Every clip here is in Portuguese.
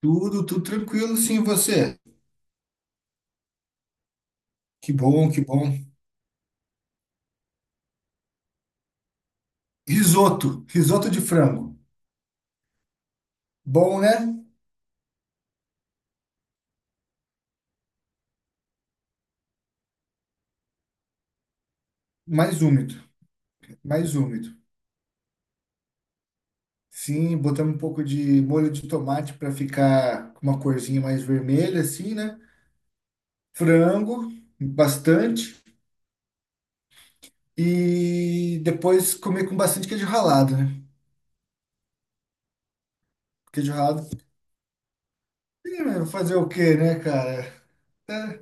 Tudo, tudo tranquilo, sim, você? Que bom, que bom. Risoto, risoto de frango. Bom, né? Mais úmido, mais úmido. Sim, botamos um pouco de molho de tomate para ficar com uma corzinha mais vermelha, assim, né? Frango, bastante. E depois comer com bastante queijo ralado, né? Queijo ralado. Ih, mas fazer o quê, né, cara? É.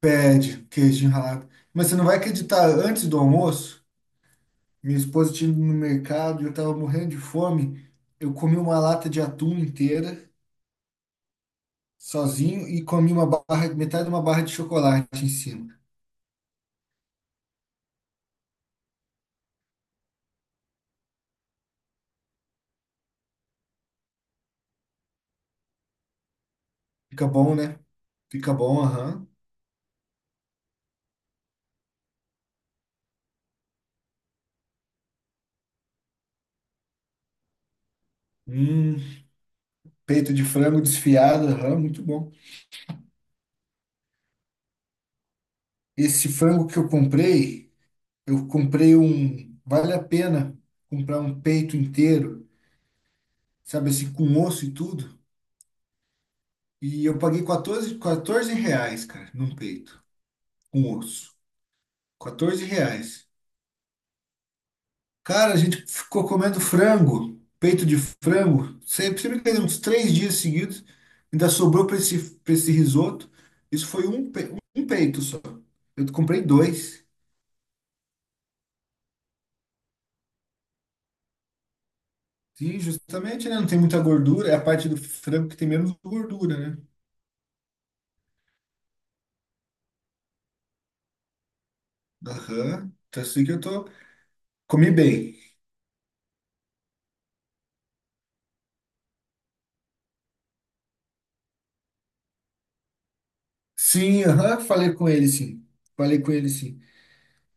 Pede queijo ralado. Mas você não vai acreditar, antes do almoço. Minha esposa tinha ido no mercado e eu tava morrendo de fome. Eu comi uma lata de atum inteira, sozinho, e comi uma barra, metade de uma barra de chocolate em cima. Fica bom, né? Fica bom, aham. Hum, peito de frango desfiado, aham, muito bom. Esse frango que eu comprei um. Vale a pena comprar um peito inteiro, sabe assim, com osso e tudo. E eu paguei quatorze reais, cara, num peito, com osso. 14 reais. Cara, a gente ficou comendo frango, peito de frango, sempre, sempre que uns 3 dias seguidos, ainda sobrou para esse risoto. Isso foi um peito só. Eu comprei dois. Sim, justamente, né? Não tem muita gordura, é a parte do frango que tem menos gordura, né? Aham. Tá assim que eu tô. Comi bem. Sim, aham, falei com ele, sim. Falei com ele, sim.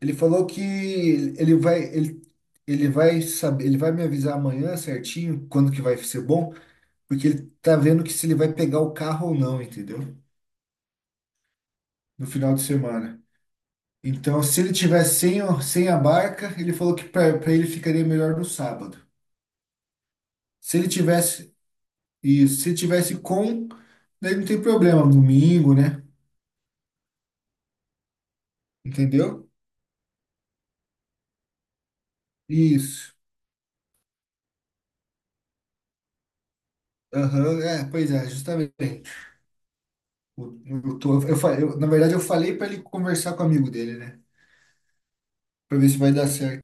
Ele falou que ele vai saber, ele vai me avisar amanhã certinho quando que vai ser bom. Porque ele tá vendo que se ele vai pegar o carro ou não, entendeu? No final de semana. Então, se ele tiver sem a barca, ele falou que para ele ficaria melhor no sábado. Se ele tivesse isso, se ele tivesse com, daí não tem problema, domingo, né? Entendeu? Isso. Aham, é, pois é, justamente. O- Eu, tô- eu, fa- eu- na verdade, eu falei para ele conversar com o amigo dele, né? Para ver se vai dar certo.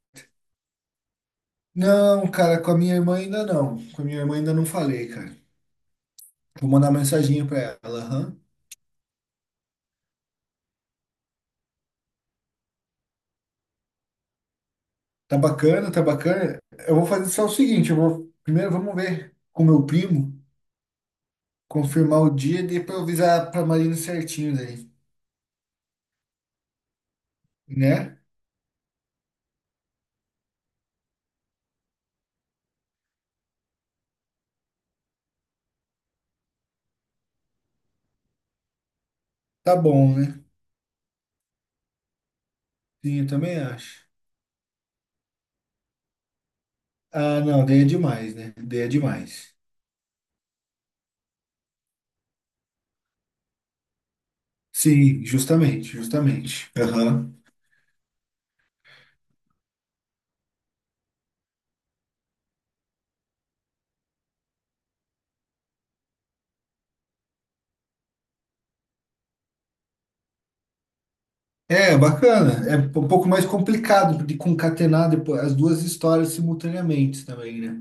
Não, cara, com a minha irmã ainda não. Com a minha irmã ainda não falei, cara. Vou mandar uma mensaginha para ela, aham. Tá bacana, tá bacana. Eu vou fazer só o seguinte, eu vou primeiro vamos ver com meu primo, confirmar o dia e depois eu avisar pra Marina certinho daí, né? Tá bom, né? Sim, eu também acho. Ah, não, daí é demais, né? Daí é demais. Sim, justamente, justamente. Aham. É, bacana. É um pouco mais complicado de concatenar depois as duas histórias simultaneamente também, né?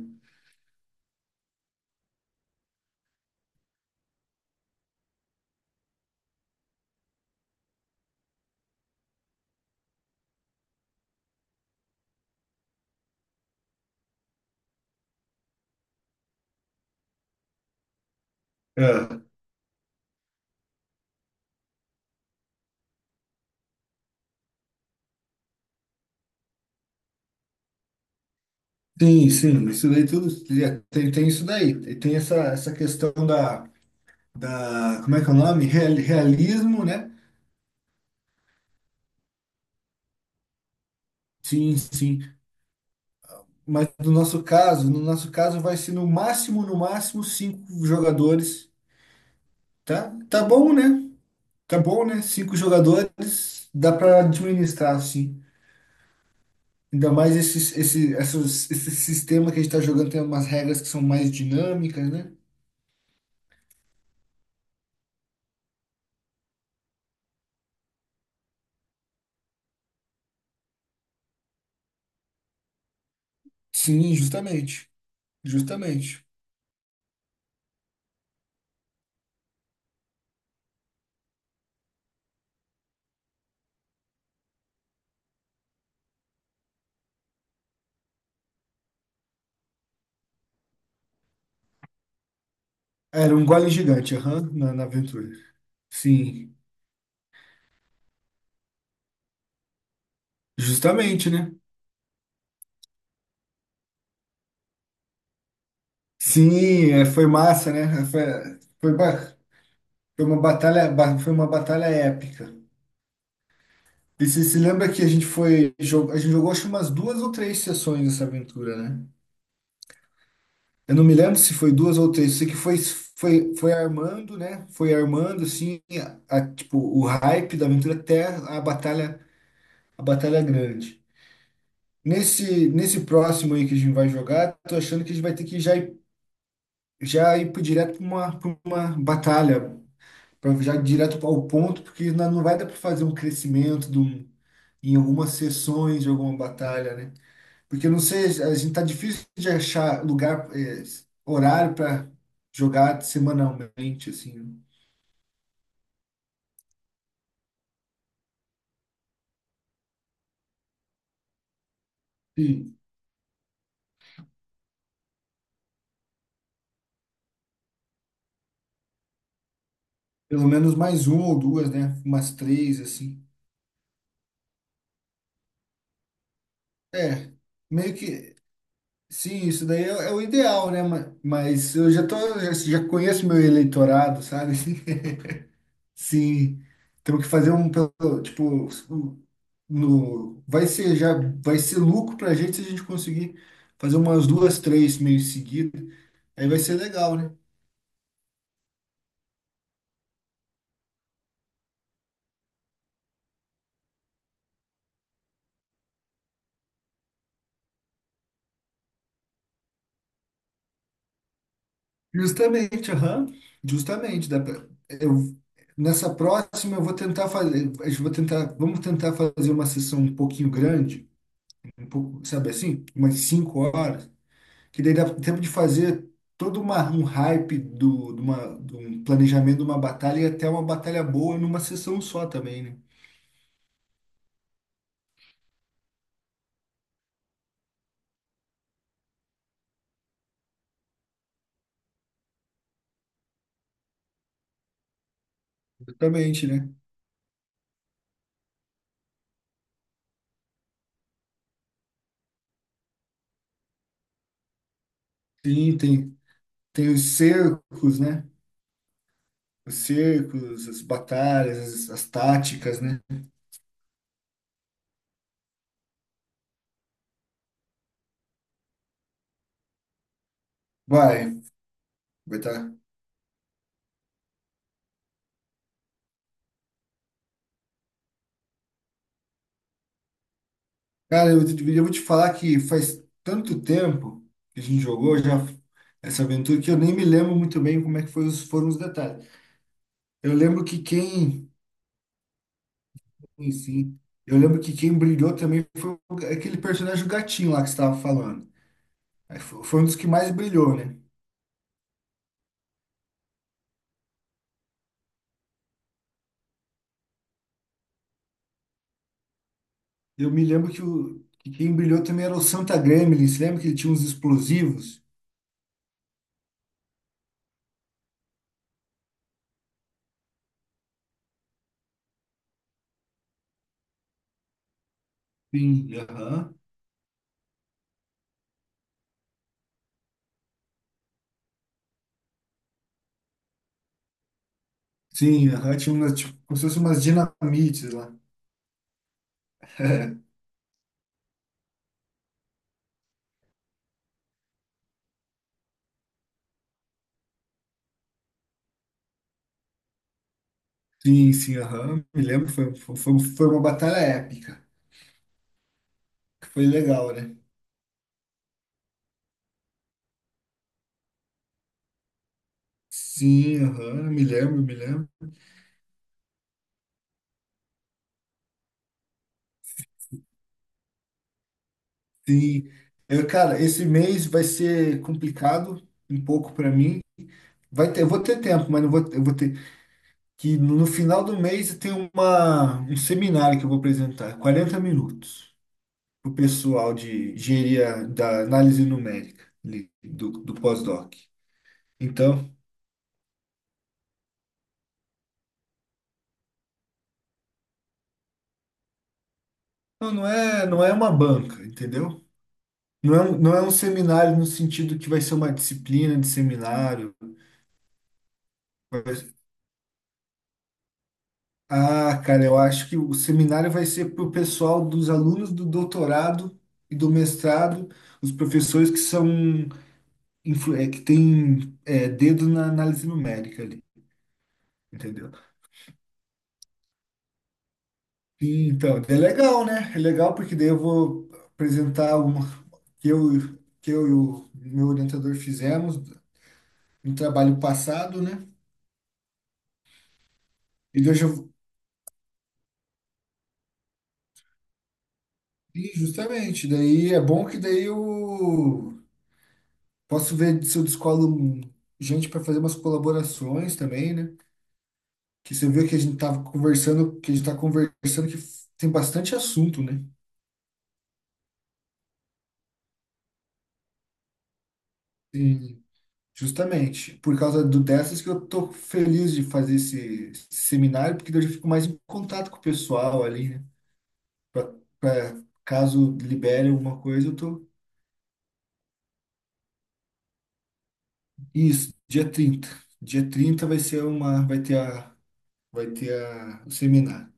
É. Sim, sim, isso daí tudo tem isso daí. Tem essa questão da, como é que é o nome? Realismo, né? Sim, sim. Mas no nosso caso, no nosso caso vai ser no máximo cinco jogadores, tá? Tá bom, né? Tá bom, né? Cinco jogadores dá para administrar, sim. Ainda mais esse sistema que a gente tá jogando tem umas regras que são mais dinâmicas, né? Sim, justamente. Justamente. Era um gole gigante, aham, na aventura. Sim, justamente, né? Sim, é, foi massa, né? Foi, ba- foi uma batalha, foi uma batalha épica. E você se lembra que a gente jogou acho que umas duas ou três sessões dessa aventura, né? Eu não me lembro se foi duas ou três, sei que foi armando, né? Foi armando, assim, tipo, o hype da aventura até a batalha grande. Nesse próximo aí que a gente vai jogar, tô achando que a gente vai ter que já ir, direto pra uma batalha para já ir direto ao ponto, porque não vai dar para fazer um crescimento de um- em algumas sessões de alguma batalha, né? Porque eu não sei, a gente tá difícil de achar lugar, horário para jogar semanalmente, assim, né? E pelo menos mais uma ou duas, né? Umas três, assim. É, meio que. Sim, isso daí é o ideal, né? Mas eu já conheço meu eleitorado, sabe? Sim, temos que fazer um, pelo- tipo, um- no, vai ser já, vai ser lucro pra gente se a gente conseguir fazer umas duas, três meio seguida, aí vai ser legal, né? Justamente, aham, justamente, dá pra, eu, nessa próxima eu vou tentar fazer, a gente vai tentar, vamos tentar fazer uma sessão um pouquinho grande, um pouco, sabe assim, umas 5 horas, que daí dá tempo de fazer todo uma, um hype de um planejamento de uma batalha e até uma batalha boa numa sessão só também, né? Exatamente, né? Sim, tem os cercos, né? Os cercos, as batalhas, as táticas, né? Vai, vai tá. Cara, eu vou te falar que faz tanto tempo que a gente jogou já essa aventura que eu nem me lembro muito bem como é que foram os detalhes. Eu lembro que quem Sim, sim. Eu lembro que quem brilhou também foi aquele personagem o gatinho lá que você estava falando. Aí foi um dos que mais brilhou, né? Eu me lembro que quem brilhou também era o Santa Gremlin. Você lembra que ele tinha uns explosivos? Sim, aham. Sim, aham. Tinha umas, tipo, como se fossem umas dinamites lá. Sim, sim, aham. Me lembro, foi uma batalha épica. Foi legal, né? Sim, aham. Me lembro, me lembro. Sim. Eu, cara, esse mês vai ser complicado um pouco para mim. Eu vou ter tempo, mas não vou, eu vou ter que no final do mês tem um seminário que eu vou apresentar, 40 minutos, para o pessoal de engenharia da análise numérica ali, do pós-doc. Então, não, não é uma banca, entendeu? Não é um seminário no sentido que vai ser uma disciplina de seminário. Vai- Ah, cara, eu acho que o seminário vai ser para o pessoal dos alunos do doutorado e do mestrado, os professores que são é, que tem é, dedo na análise numérica ali, entendeu? E, então, é legal, né? É legal porque daí eu vou apresentar alguma que eu, que eu e o meu orientador fizemos no trabalho passado, né? E daí eu já, e justamente, daí é bom que daí eu posso ver se eu descolo gente para fazer umas colaborações também, né? Que você viu que a gente tava conversando, que a gente tá conversando que tem bastante assunto, né? Justamente, por causa dessas que eu tô feliz de fazer esse seminário, porque daí eu já fico mais em contato com o pessoal ali, né? Pra, pra caso libere alguma coisa, eu tô. Isso, dia trinta vai ser uma, vai ter a, o seminário.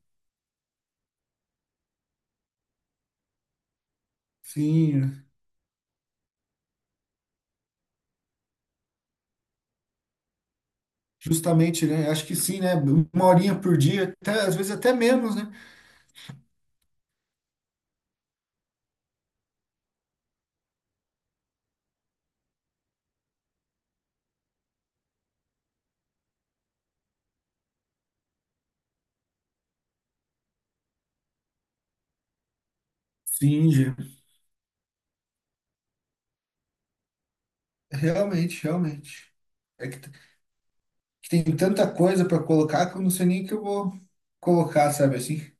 Sim, justamente, né? Acho que sim, né? Uma horinha por dia, até, às vezes até menos, né? Sim, Gê. Realmente, realmente. É que, que tem tanta coisa para colocar que eu não sei nem o que eu vou colocar, sabe assim?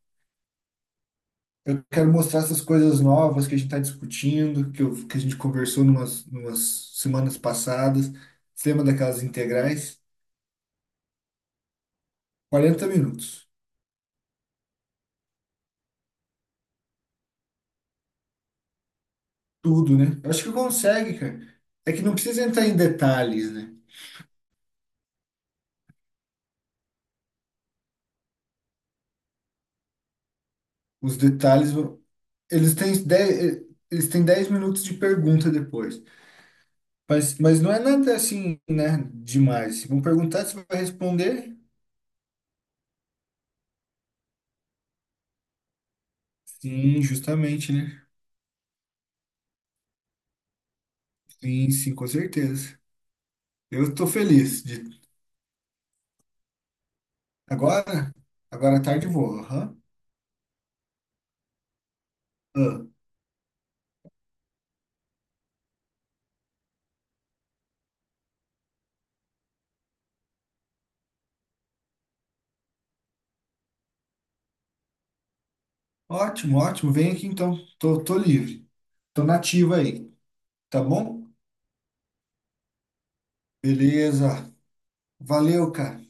Eu quero mostrar essas coisas novas que a gente está discutindo, que a gente conversou numas semanas passadas. Você lembra daquelas integrais? 40 minutos. Tudo, né? Eu acho que consegue, cara. É que não precisa entrar em detalhes, né? Os detalhes, eles têm 10 eh, eles têm 10 minutos de pergunta depois. Mas não é nada assim, né? Demais. Se vão perguntar, você vai responder? Sim, justamente, né? Sim, sim, com certeza. Eu estou feliz de Agora? Agora à tarde eu vou. Aham. Ah, ótimo, ótimo. Vem aqui então. Tô livre. Tô nativo aí. Tá bom? Beleza. Valeu, cara.